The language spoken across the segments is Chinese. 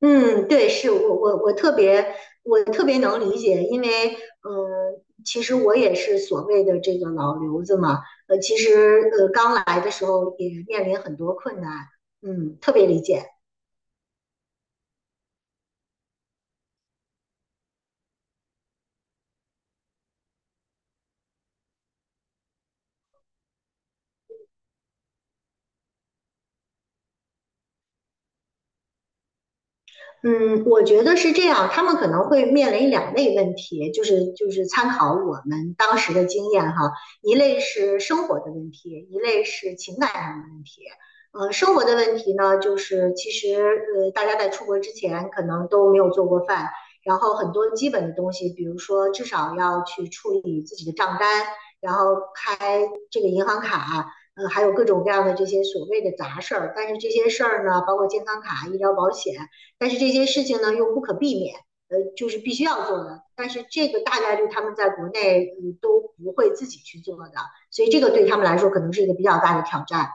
嗯，对，是我特别特别能理解，因为其实我也是所谓的这个老留子嘛，其实刚来的时候也面临很多困难，嗯，特别理解。嗯，我觉得是这样，他们可能会面临两类问题，就是参考我们当时的经验哈，一类是生活的问题，一类是情感上的问题。生活的问题呢，就是其实大家在出国之前可能都没有做过饭，然后很多基本的东西，比如说至少要去处理自己的账单，然后这个银行卡，还有各种各样的这些所谓的杂事儿。但是这些事儿呢，包括健康卡、医疗保险，但是这些事情呢又不可避免，就是必须要做的。但是这个大概率他们在国内都不会自己去做的，所以这个对他们来说可能是一个比较大的挑战。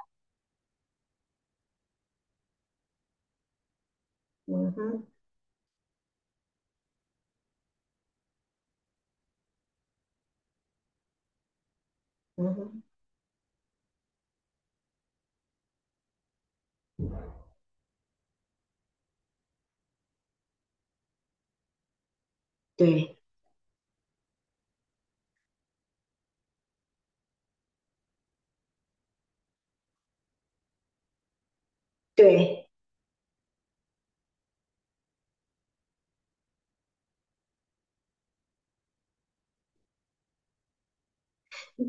嗯哼。嗯哼。对对。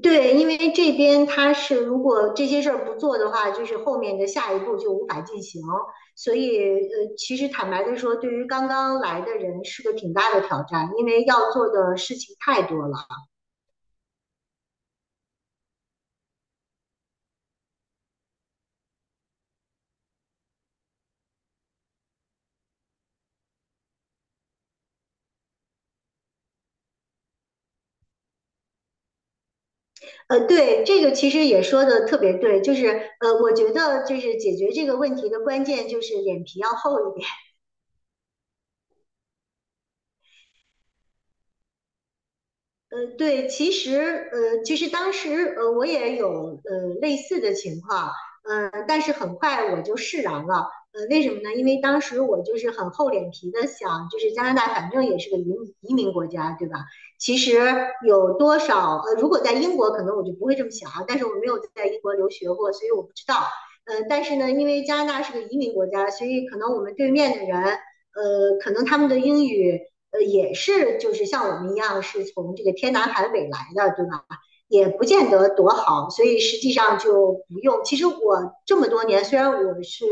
对，因为这边他是如果这些事儿不做的话，就是后面的下一步就无法进行，所以其实坦白的说，对于刚刚来的人是个挺大的挑战，因为要做的事情太多了。对，这个其实也说的特别对，就是我觉得就是解决这个问题的关键就是脸皮要厚一点。对，其实，其实当时，我也有，类似的情况，但是很快我就释然了，为什么呢？因为当时我就是很厚脸皮的想，就是加拿大反正也是个移民国家，对吧？其实有多少，如果在英国，可能我就不会这么想啊，但是我没有在英国留学过，所以我不知道，但是呢，因为加拿大是个移民国家，所以可能我们对面的人，可能他们的英语。也是就是像我们一样是从这个天南海北来的，对吧？也不见得多好，所以实际上就不用。其实我这么多年，虽然我是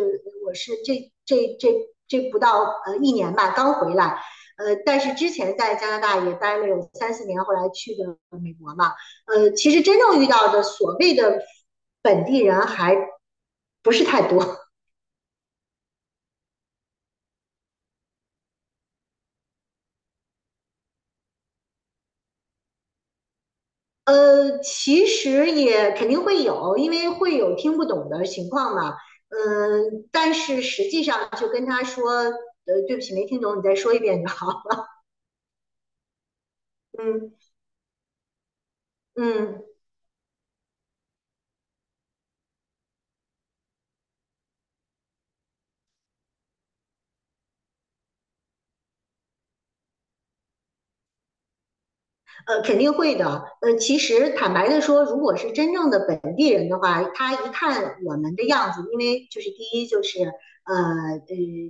我是这这这这不到一年吧，刚回来，但是之前在加拿大也待了有三四年，后来去的美国嘛，其实真正遇到的所谓的本地人还不是太多。其实也肯定会有，因为会有听不懂的情况嘛。嗯，但是实际上就跟他说，对不起，没听懂，你再说一遍就好。嗯嗯。肯定会的。其实坦白的说，如果是真正的本地人的话，他一看我们的样子，因为就是第一就是呃呃，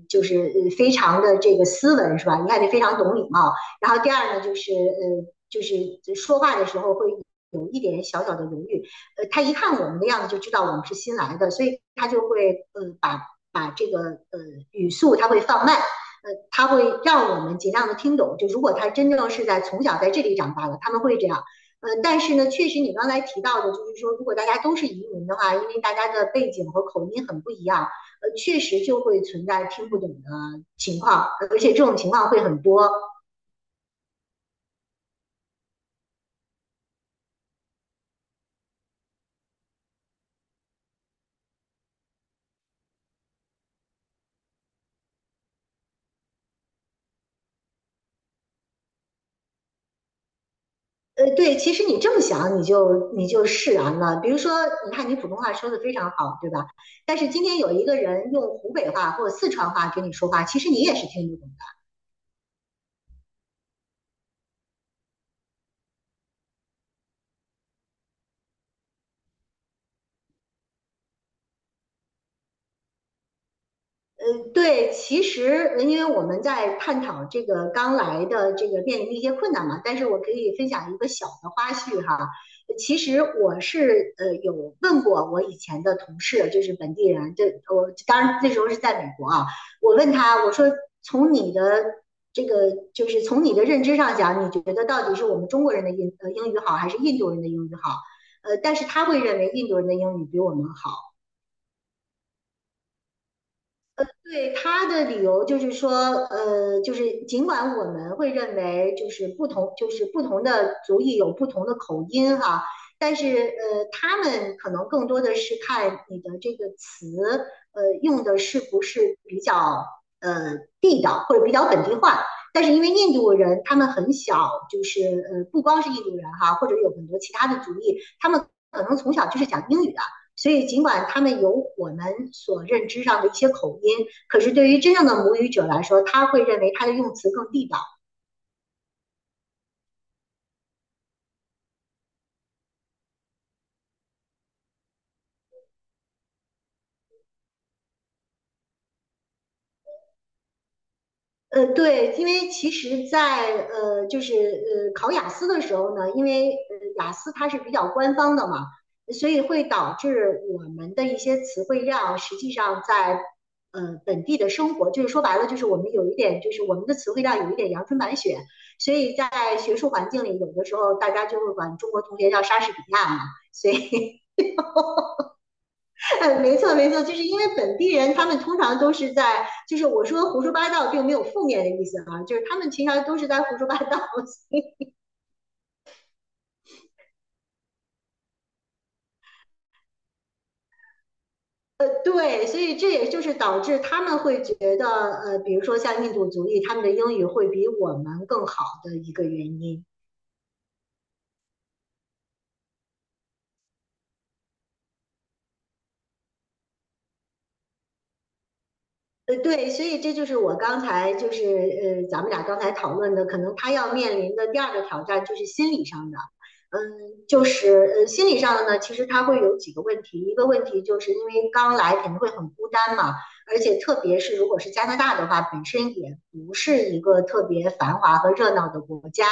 就是非常的这个斯文是吧？你看你非常懂礼貌。然后第二呢，就是说话的时候会有一点小小的犹豫。他一看我们的样子就知道我们是新来的，所以他就会把这个语速他会放慢。他会让我们尽量的听懂。就如果他真正是在从小在这里长大的，他们会这样。但是呢，确实你刚才提到的，就是说，如果大家都是移民的话，因为大家的背景和口音很不一样，确实就会存在听不懂的情况，而且这种情况会很多。对，其实你这么想，你就释然了。比如说，你看你普通话说的非常好，对吧？但是今天有一个人用湖北话或者四川话跟你说话，其实你也是听不懂。对，其实因为我们在探讨这个刚来的这个面临的一些困难嘛，但是我可以分享一个小的花絮哈。其实我是有问过我以前的同事，就是本地人，这我当然那时候是在美国啊，我问他，我说从你的这个就是从你的认知上讲，你觉得到底是我们中国人的英语好，还是印度人的英语好？但是他会认为印度人的英语比我们好。对他的理由就是说，就是尽管我们会认为就是不同，就是不同的族裔有不同的口音哈，但是他们可能更多的是看你的这个词，用的是不是比较地道或者比较本地化。但是因为印度人他们很小，就是不光是印度人哈，或者有很多其他的族裔，他们可能从小就是讲英语的。所以，尽管他们有我们所认知上的一些口音，可是对于真正的母语者来说，他会认为他的用词更地道。对，因为其实在，就是考雅思的时候呢，因为雅思它是比较官方的嘛，所以会导致我们的一些词汇量，实际上在本地的生活，就是说白了，就是我们有一点，就是我们的词汇量有一点阳春白雪，所以在学术环境里，有的时候大家就会管中国同学叫莎士比亚嘛，所以嗯，没错没错，就是因为本地人他们通常都是在，就是我说胡说八道并没有负面的意思啊，就是他们平常都是在胡说八道。对，所以这也就是导致他们会觉得，比如说像印度族裔，他们的英语会比我们更好的一个原因。对，所以这就是我刚才咱们俩刚才讨论的，可能他要面临的第二个挑战就是心理上的，嗯，心理上的呢，其实他会有几个问题，一个问题就是因为刚来肯定会很孤单嘛，而且特别是如果是加拿大的话，本身也不是一个特别繁华和热闹的国家，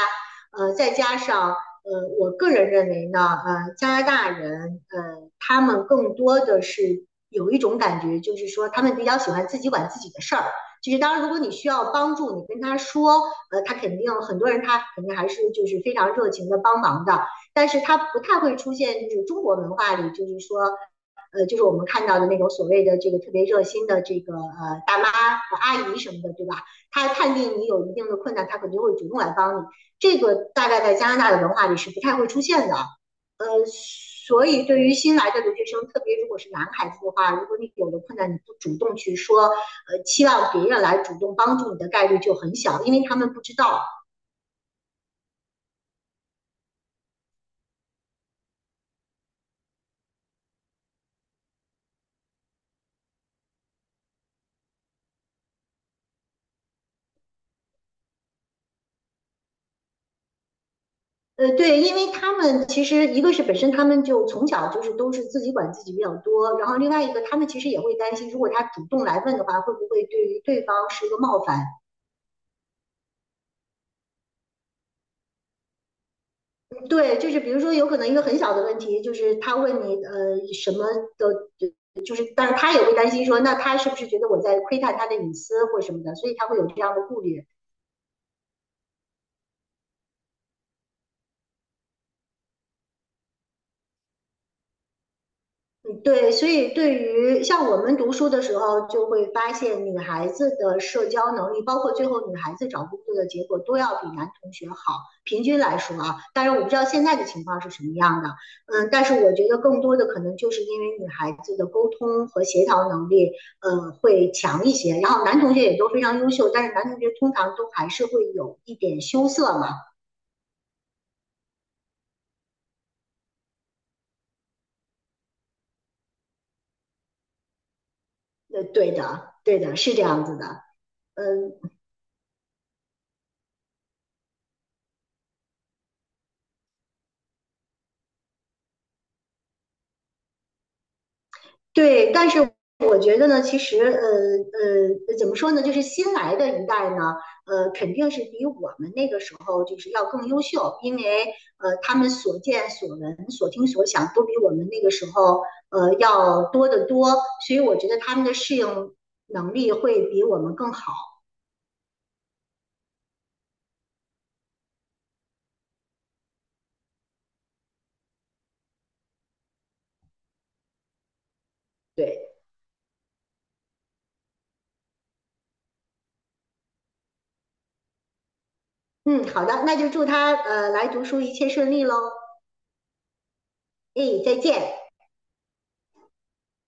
再加上我个人认为呢，加拿大人，他们更多的是有一种感觉，就是说他们比较喜欢自己管自己的事儿。就是当然，如果你需要帮助，你跟他说，他肯定很多人他肯定还是就是非常热情的帮忙的，但是他不太会出现就是中国文化里就是说。就是我们看到的那种所谓的这个特别热心的这个大妈、阿姨什么的，对吧？他判定你有一定的困难，他肯定会主动来帮你。这个大概在加拿大的文化里是不太会出现的。呃，所以对于新来的留学生，特别如果是男孩子的话，如果你有了困难，你不主动去说，期望别人来主动帮助你的概率就很小，因为他们不知道。对，因为他们其实一个是本身他们就从小就是都是自己管自己比较多，然后另外一个他们其实也会担心，如果他主动来问的话，会不会对于对方是一个冒犯？对，就是比如说，有可能一个很小的问题，就是他问你什么的，就是，但是他也会担心说，那他是不是觉得我在窥探他的隐私或什么的，所以他会有这样的顾虑。嗯对，所以对于像我们读书的时候，就会发现女孩子的社交能力，包括最后女孩子找工作的结果，都要比男同学好。平均来说啊，当然我不知道现在的情况是什么样的，嗯，但是我觉得更多的可能就是因为女孩子的沟通和协调能力，会强一些。然后男同学也都非常优秀，但是男同学通常都还是会有一点羞涩嘛。对的，对的，是这样子的。嗯，对，但是我觉得呢，其实怎么说呢，就是新来的一代呢，肯定是比我们那个时候就是要更优秀，因为他们所见所闻、所听所想都比我们那个时候要多得多，所以我觉得他们的适应能力会比我们更好。对，嗯，好的，那就祝他来读书一切顺利喽。哎，再见。